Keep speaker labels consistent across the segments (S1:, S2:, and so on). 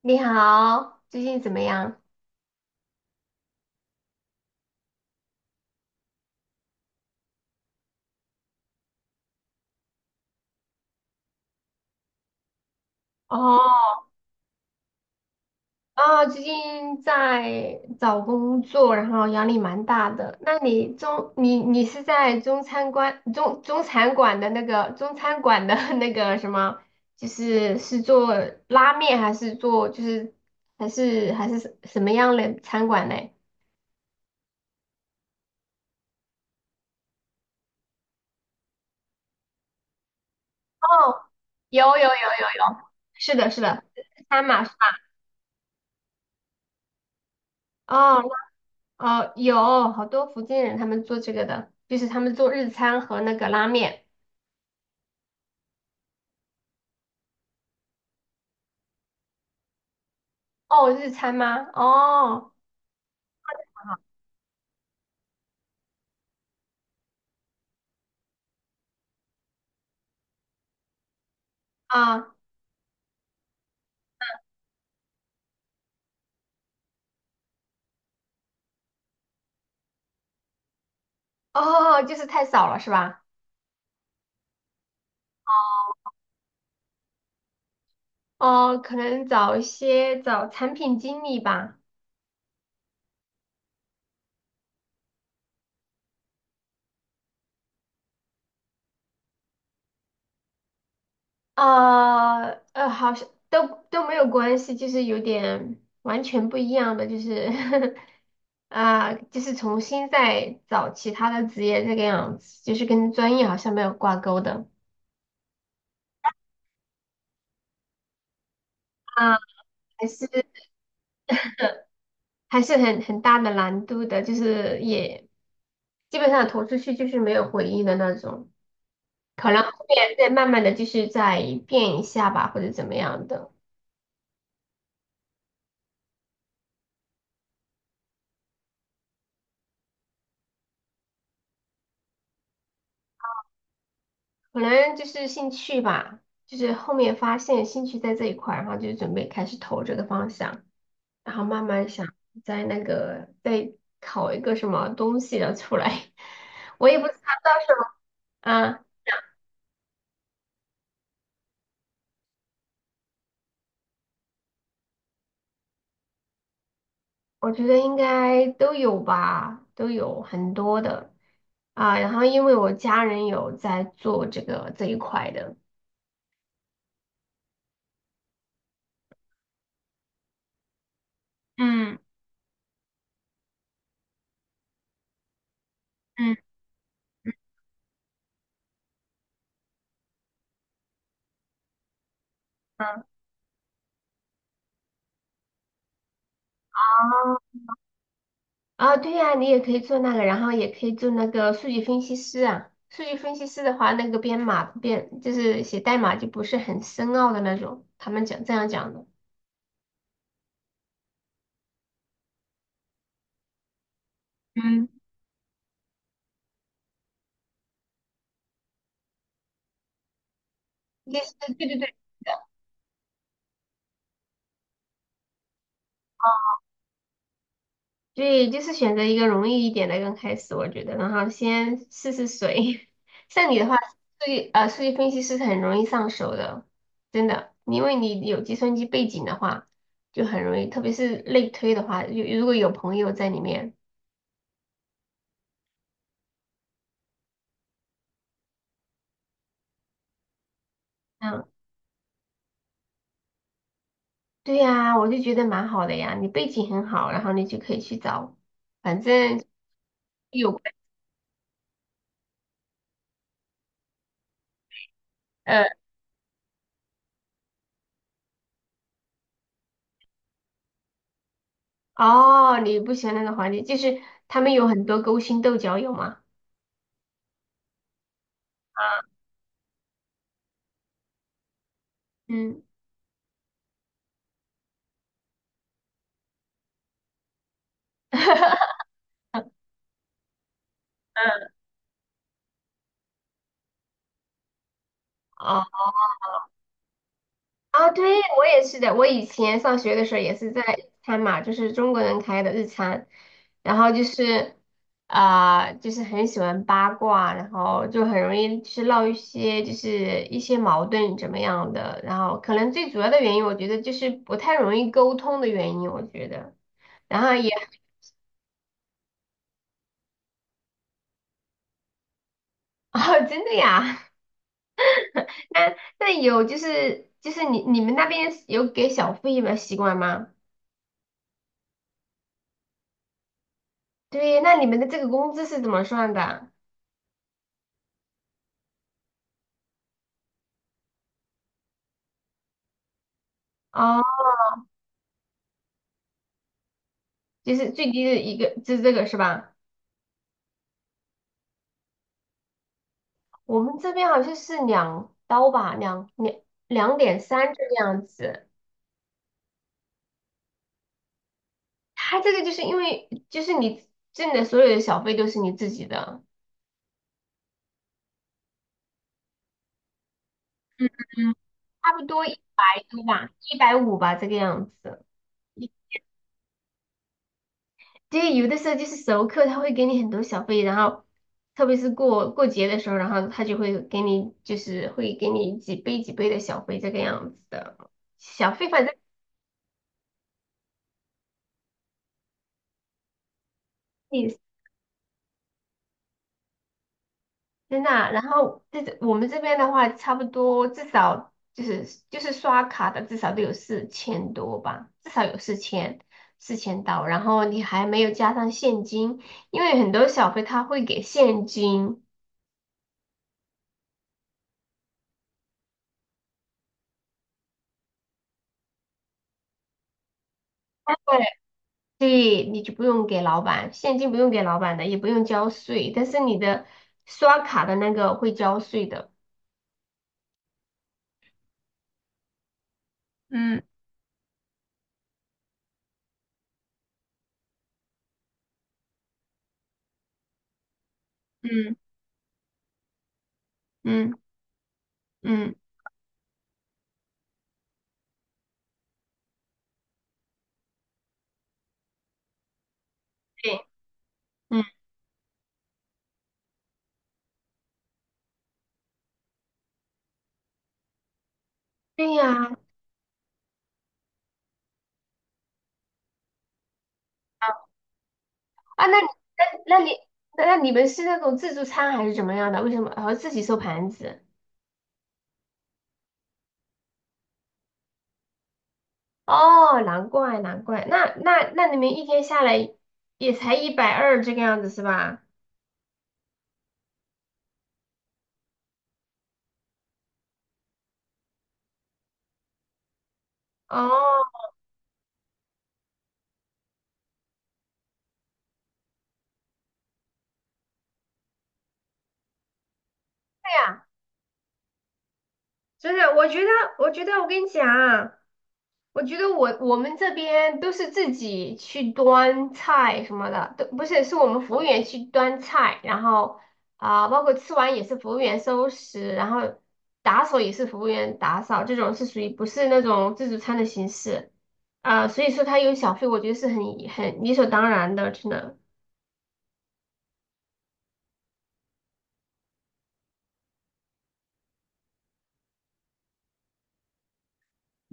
S1: 你好，最近怎么样？哦，啊，最近在找工作，然后压力蛮大的。那你是在中餐馆中中餐馆的那个中餐馆的 那个什么，就是做拉面还是做就是还是还是什什么样的餐馆嘞？哦，有有有有有，是的，是的，餐嘛是吧？哦哦，有好多福建人他们做这个的，就是他们做日餐和那个拉面。哦，日餐吗？哦，啊，哦，就是太少了是吧？哦，可能找一些找产品经理吧。好像都没有关系，就是有点完全不一样的，就是 啊、就是重新再找其他的职业这个样子，就是跟专业好像没有挂钩的。啊，还是还是很大的难度的，就是也基本上投出去就是没有回应的那种。可能后面再慢慢的就是再变一下吧，或者怎么样的，可能就是兴趣吧，就是后面发现兴趣在这一块儿然后就准备开始投这个方向，然后慢慢想在那个再考一个什么东西的出来，我也不知道到时候啊，我觉得应该都有吧，都有很多的啊，然后因为我家人有在做这个这一块的。嗯嗯嗯，啊，对呀，你也可以做那个，然后也可以做那个数据分析师啊。数据分析师的话，那个编码就是写代码就不是很深奥的那种，他们讲这样讲的。嗯，就是对对对，对，就是选择一个容易一点的刚开始，我觉得，然后先试试水。像你的话，数据分析师是很容易上手的，真的，因为你有计算机背景的话，就很容易，特别是类推的话，如果有朋友在里面。嗯。对呀，我就觉得蛮好的呀，你背景很好，然后你就可以去找，反正有呃哦，你不喜欢那个环境，就是他们有很多勾心斗角，有吗？啊，嗯，哦。啊，对，我也是的。我以前上学的时候也是在日餐嘛，就是中国人开的日餐，然后就是啊、就是很喜欢八卦，然后就很容易去闹一些矛盾怎么样的，然后可能最主要的原因，我觉得就是不太容易沟通的原因，我觉得。然后也 哦，真的呀？那那有就是就是你你们那边有给小费的习惯吗？对，那你们的这个工资是怎么算的？哦就是最低的一个，就是这个是吧？我们这边好像是两刀吧，2.3这个样子。它这个就是因为就是你挣的所有的小费都是你自己的，嗯，差不多100多吧，一百五吧这个样子。对，有的时候就是熟客他会给你很多小费，然后特别是过节的时候，然后他就会给你几倍几倍的小费这个样子的。小费反正你。真的啊然后我们这边的话，差不多至少就是刷卡的，至少都有4000多吧，至少有四千刀。然后你还没有加上现金，因为很多小费他会给现金，对，所以你就不用给老板，现金不用给老板的，也不用交税，但是你的刷卡的那个会交税的。嗯嗯嗯嗯，对，嗯，对呀，啊，那那你那你们是那种自助餐还是怎么样的？为什么自己收盘子？哦，难怪难怪，那你们一天下来也才120这个样子是吧？哦，对呀，真的，我觉得我跟你讲，我觉得我们这边都是自己去端菜什么的，都不是，是我们服务员去端菜，然后啊、包括吃完也是服务员收拾，然后打扫也是服务员打扫，这种是属于不是那种自助餐的形式，啊、所以说他有小费，我觉得是很理所当然的，真的。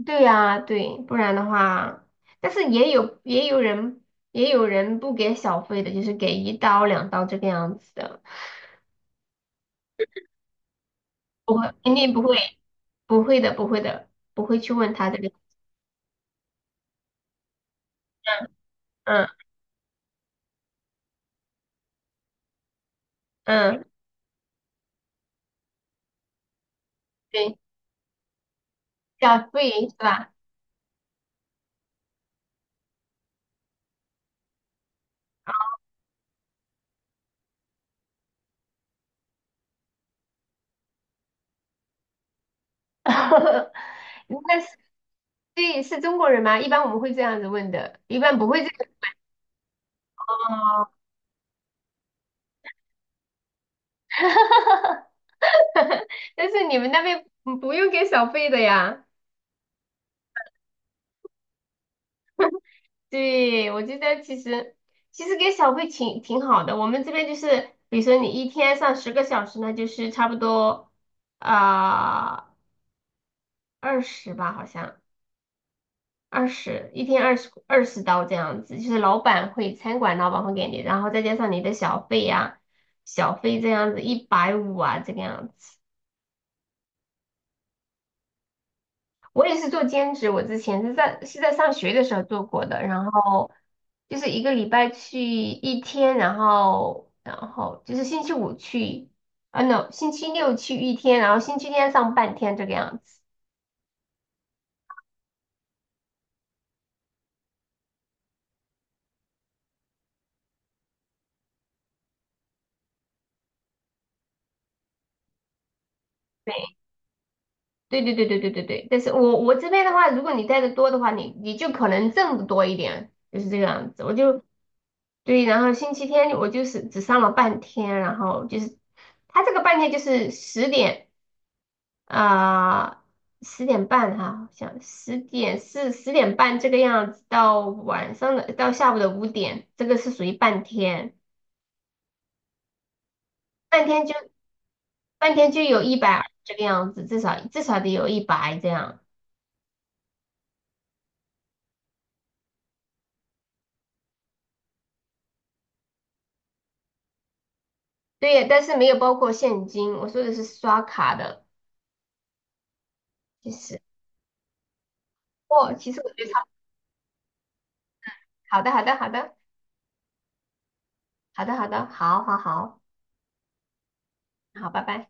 S1: 对呀、对，不然的话，但是也有人不给小费的，就是给1刀2刀这个样子的。不会，肯定不会，不会的，不会的，不会去问他这个。嗯嗯，对，叫费是吧？那是对，是中国人吗？一般我们会这样子问的，一般不会这个。哦，但是你们那边不用给小费的呀？对，我觉得其实给小费挺好的。我们这边就是，比如说你一天上10个小时，那就是差不多啊二十吧，好像。二十，一天二十刀这样子，就是老板会餐馆老板会给你，然后再加上你的小费这样子一百五啊这个样子。我也是做兼职，我之前是在上学的时候做过的，然后就是一个礼拜去一天，然后就是星期五去，啊 no，星期六去一天，然后星期天上半天这个样子。对对对对对对对，但是我这边的话，如果你带的多的话，你就可能挣的多一点，就是这个样子。我就对，然后星期天我就是只上了半天，然后就是他这个半天就是十点啊十点半哈、好像十点是十点半这个样子，到下午的5点，这个是属于半天。半天就半天就有一百这个样子，至少得有一百这样。对，但是没有包括现金，我说的是刷卡的。其实，哦，其实我觉得差不多。好的，好的，好的，好的，好的，好好好，好，拜拜。